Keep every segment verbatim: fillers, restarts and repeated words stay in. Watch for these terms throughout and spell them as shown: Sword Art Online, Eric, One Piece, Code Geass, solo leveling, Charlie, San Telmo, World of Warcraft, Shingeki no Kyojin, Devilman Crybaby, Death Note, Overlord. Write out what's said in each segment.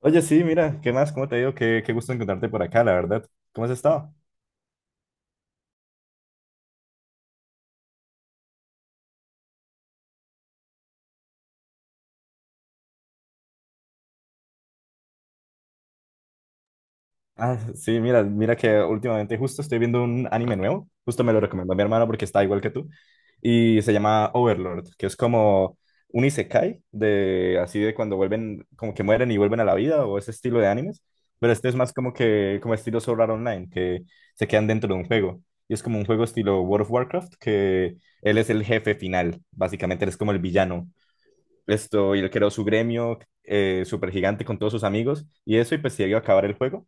Oye, sí, mira, ¿qué más? ¿Cómo te digo? Qué, qué gusto encontrarte por acá, la verdad. ¿Cómo has estado? Ah, sí, mira, mira que últimamente justo estoy viendo un anime nuevo. Justo me lo recomendó mi hermano porque está igual que tú. Y se llama Overlord, que es como un isekai de así de cuando vuelven, como que mueren y vuelven a la vida o ese estilo de animes. Pero este es más como que, como estilo Sword Art Online, que se quedan dentro de un juego. Y es como un juego estilo World of Warcraft, que él es el jefe final. Básicamente, él es como el villano. Esto, y él creó su gremio eh, súper gigante con todos sus amigos y eso, y pues se iba a acabar el juego,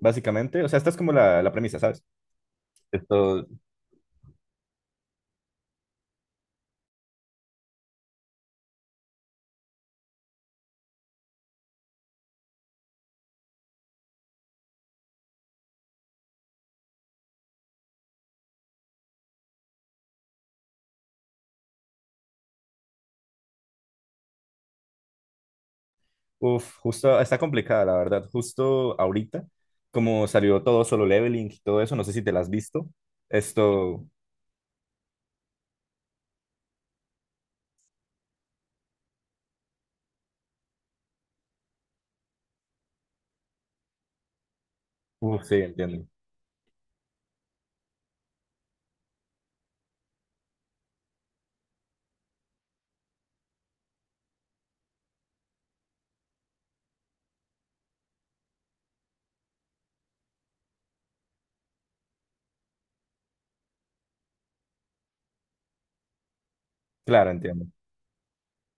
básicamente. O sea, esta es como la, la premisa, ¿sabes? Esto, uf, justo, está complicada, la verdad. Justo ahorita, como salió todo solo leveling y todo eso, no sé si te la has visto. Esto, uf, sí, entiendo. Claro, entiendo.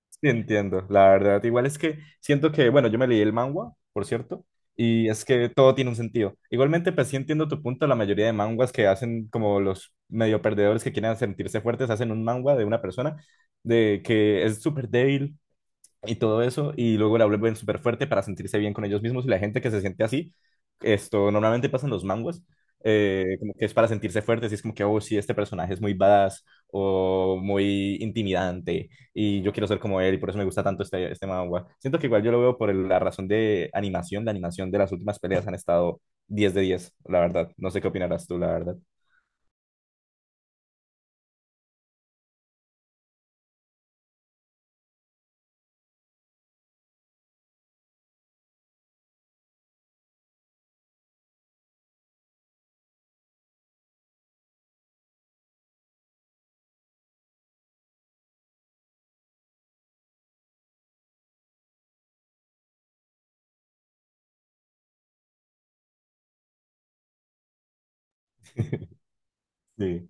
Sí, entiendo, la verdad. Igual es que siento que, bueno, yo me leí el manhwa, por cierto, y es que todo tiene un sentido. Igualmente, pues sí entiendo tu punto, la mayoría de manguas que hacen como los medio perdedores que quieren sentirse fuertes, hacen un manhwa de una persona de que es súper débil y todo eso, y luego la vuelven súper fuerte para sentirse bien con ellos mismos y la gente que se siente así, esto normalmente pasa en los manguas, eh, como que es para sentirse fuertes y es como que, oh, sí, este personaje es muy badass o muy intimidante y yo quiero ser como él y por eso me gusta tanto este, este manga. Siento que igual yo lo veo por el- la razón de animación, la animación de las últimas peleas han estado diez de diez, la verdad. No sé qué opinarás tú, la verdad. Sí.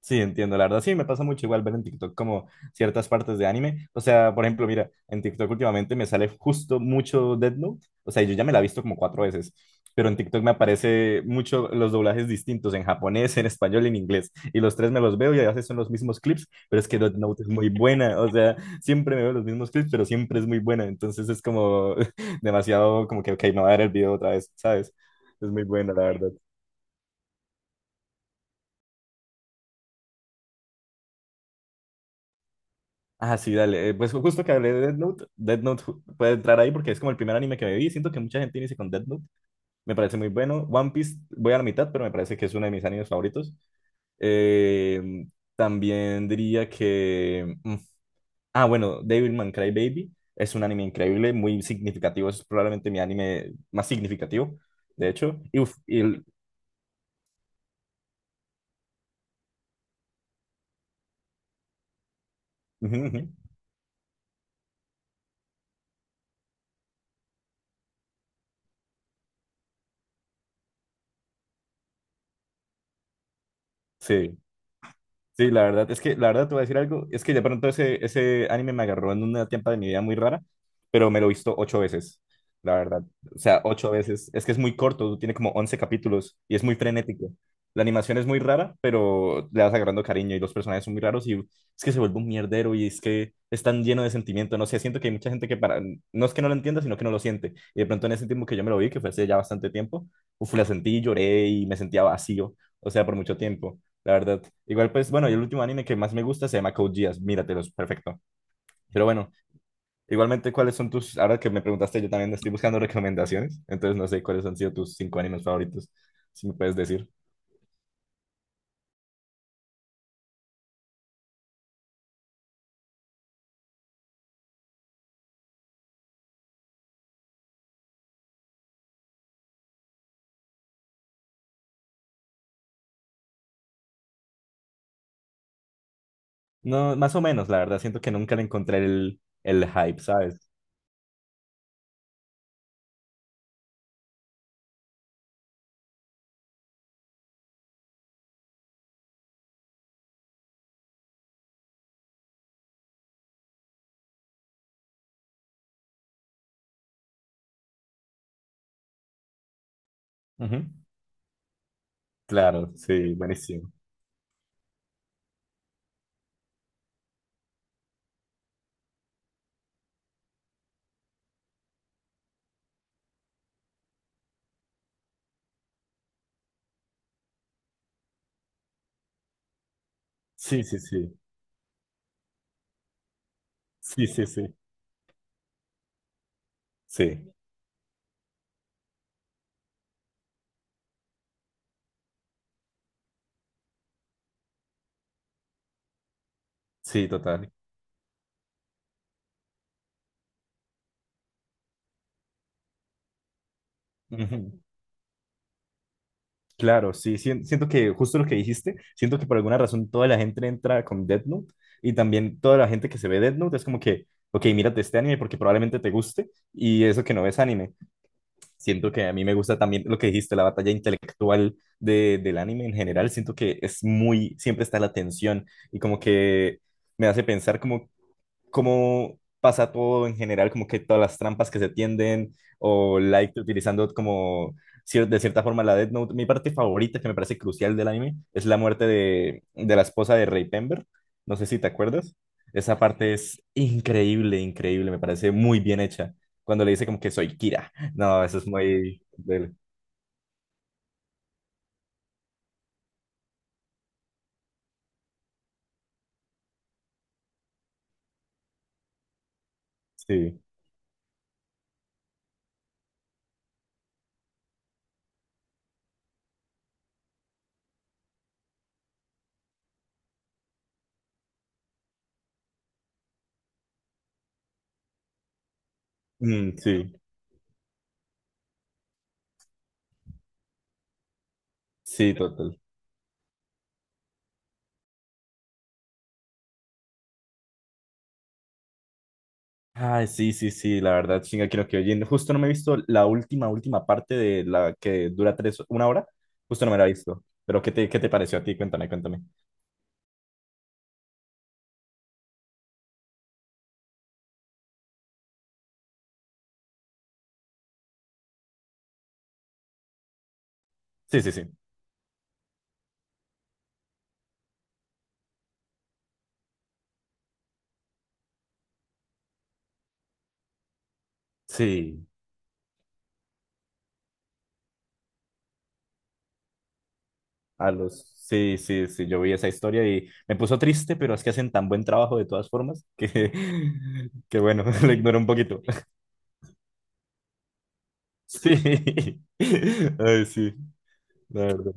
Sí, entiendo, la verdad, sí, me pasa mucho igual ver en TikTok como ciertas partes de anime. O sea, por ejemplo, mira, en TikTok últimamente me sale justo mucho Death Note. O sea, yo ya me la he visto como cuatro veces, pero en TikTok me aparece mucho los doblajes distintos en japonés, en español y en inglés. Y los tres me los veo y a veces son los mismos clips, pero es que Death Note es muy buena. O sea, siempre me veo los mismos clips, pero siempre es muy buena. Entonces es como demasiado como que, ok, me voy a ver el video otra vez, ¿sabes? Es muy buena, la verdad. Ah, sí, dale. eh, Pues justo que hablé de Death Note, Death Note ju- puede entrar ahí porque es como el primer anime que me vi. Siento que mucha gente inicia con Death Note. Me parece muy bueno. One Piece, voy a la mitad, pero me parece que es uno de mis animes favoritos. Eh, también diría que. mm, Ah, bueno, Devilman Crybaby es un anime increíble, muy significativo. Es probablemente mi anime más significativo, de hecho. Y, uf, y el- ujú, ujú. Sí. Sí, la verdad, es que, la verdad, te voy a decir algo, es que de pronto ese, ese anime me agarró en una etapa de mi vida muy rara, pero me lo he visto ocho veces, la verdad. O sea, ocho veces. Es que es muy corto, tiene como once capítulos y es muy frenético. La animación es muy rara, pero le vas agarrando cariño y los personajes son muy raros y es que se vuelve un mierdero y es que es tan lleno de sentimiento. No sé, siento que hay mucha gente que para, no es que no lo entienda, sino que no lo siente. Y de pronto en ese tiempo que yo me lo vi, que fue hace ya bastante tiempo, uf, la sentí, lloré y me sentía vacío, o sea, por mucho tiempo la verdad. Igual, pues, bueno, y el último anime que más me gusta se llama Code Geass, míratelos, perfecto. Pero bueno, igualmente, ¿cuáles son tus, ahora que me preguntaste, yo también estoy buscando recomendaciones, entonces no sé cuáles han sido tus cinco animes favoritos, si me puedes decir. No, más o menos, la verdad, siento que nunca le encontré el, el hype, ¿sabes? Ujú. Claro, sí, buenísimo. Sí, sí, sí. Sí, sí, sí. Sí, sí, total. Ujú. Claro, sí, sien- siento que justo lo que dijiste, siento que por alguna razón toda la gente entra con Death Note y también toda la gente que se ve Death Note es como que, ok, mírate este anime porque probablemente te guste y eso que no ves anime. Siento que a mí me gusta también lo que dijiste, la batalla intelectual de, del anime en general, siento que es muy, siempre está la tensión y como que me hace pensar como cómo pasa todo en general, como que todas las trampas que se tienden, o Light utilizando como cier- de cierta forma la Death Note. Mi parte favorita, que me parece crucial del anime, es la muerte de, de la esposa de Rey Pember. No sé si te acuerdas. Esa parte es increíble, increíble, me parece muy bien hecha. Cuando le dice como que soy Kira. No, eso es muy... del- Sí. Mm, sí, sí, total. Ay, sí, sí, sí, la verdad, Shingeki no Kyojin. Justo no me he visto la última, última parte de la que dura tres, una hora. Justo no me la he visto. Pero ¿qué te, qué te pareció a ti? Cuéntame, cuéntame. Sí, sí, sí. Sí, a los... Sí, sí, sí, yo vi esa historia y me puso triste, pero es que hacen tan buen trabajo de todas formas que, que bueno, lo ignoro un poquito. Sí. Ay, sí, la verdad.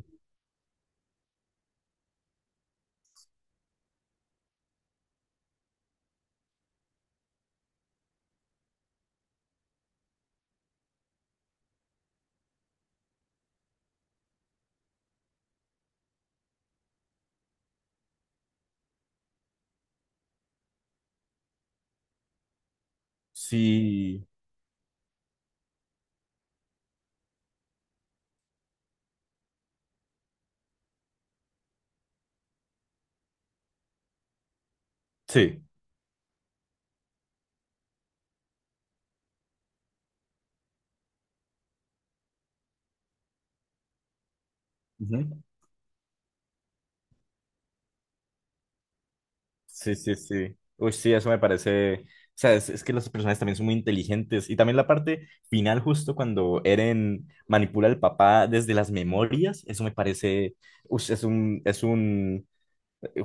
Sí, sí. Ujú. Sí, sí, sí. Uy, sí, eso me parece. O sea, es, es que los personajes también son muy inteligentes. Y también la parte final, justo cuando Eren manipula al papá desde las memorias, eso me parece. Uy, es un, es un.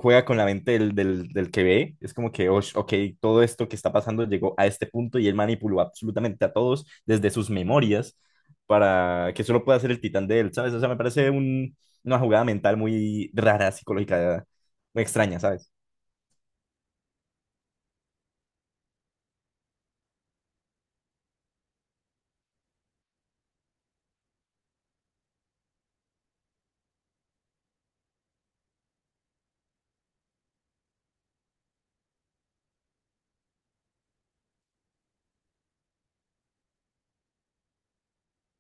Juega con la mente del, del, del que ve. Es como que, ush, ok, todo esto que está pasando llegó a este punto y él manipuló absolutamente a todos desde sus memorias para que solo pueda ser el titán de él, ¿sabes? O sea, me parece un- una jugada mental muy rara, psicológica, muy extraña, ¿sabes?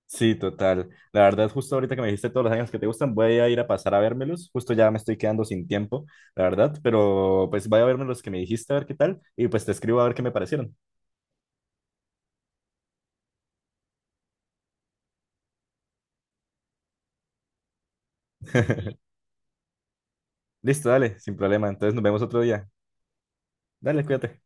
Sí, total. La verdad, justo ahorita que me dijiste todos los años que te gustan, voy a ir a pasar a vérmelos. Justo ya me estoy quedando sin tiempo, la verdad, pero pues voy a verme los que me dijiste a ver qué tal y pues te escribo a ver qué me parecieron. Listo, dale, sin problema. Entonces nos vemos otro día. Dale, cuídate.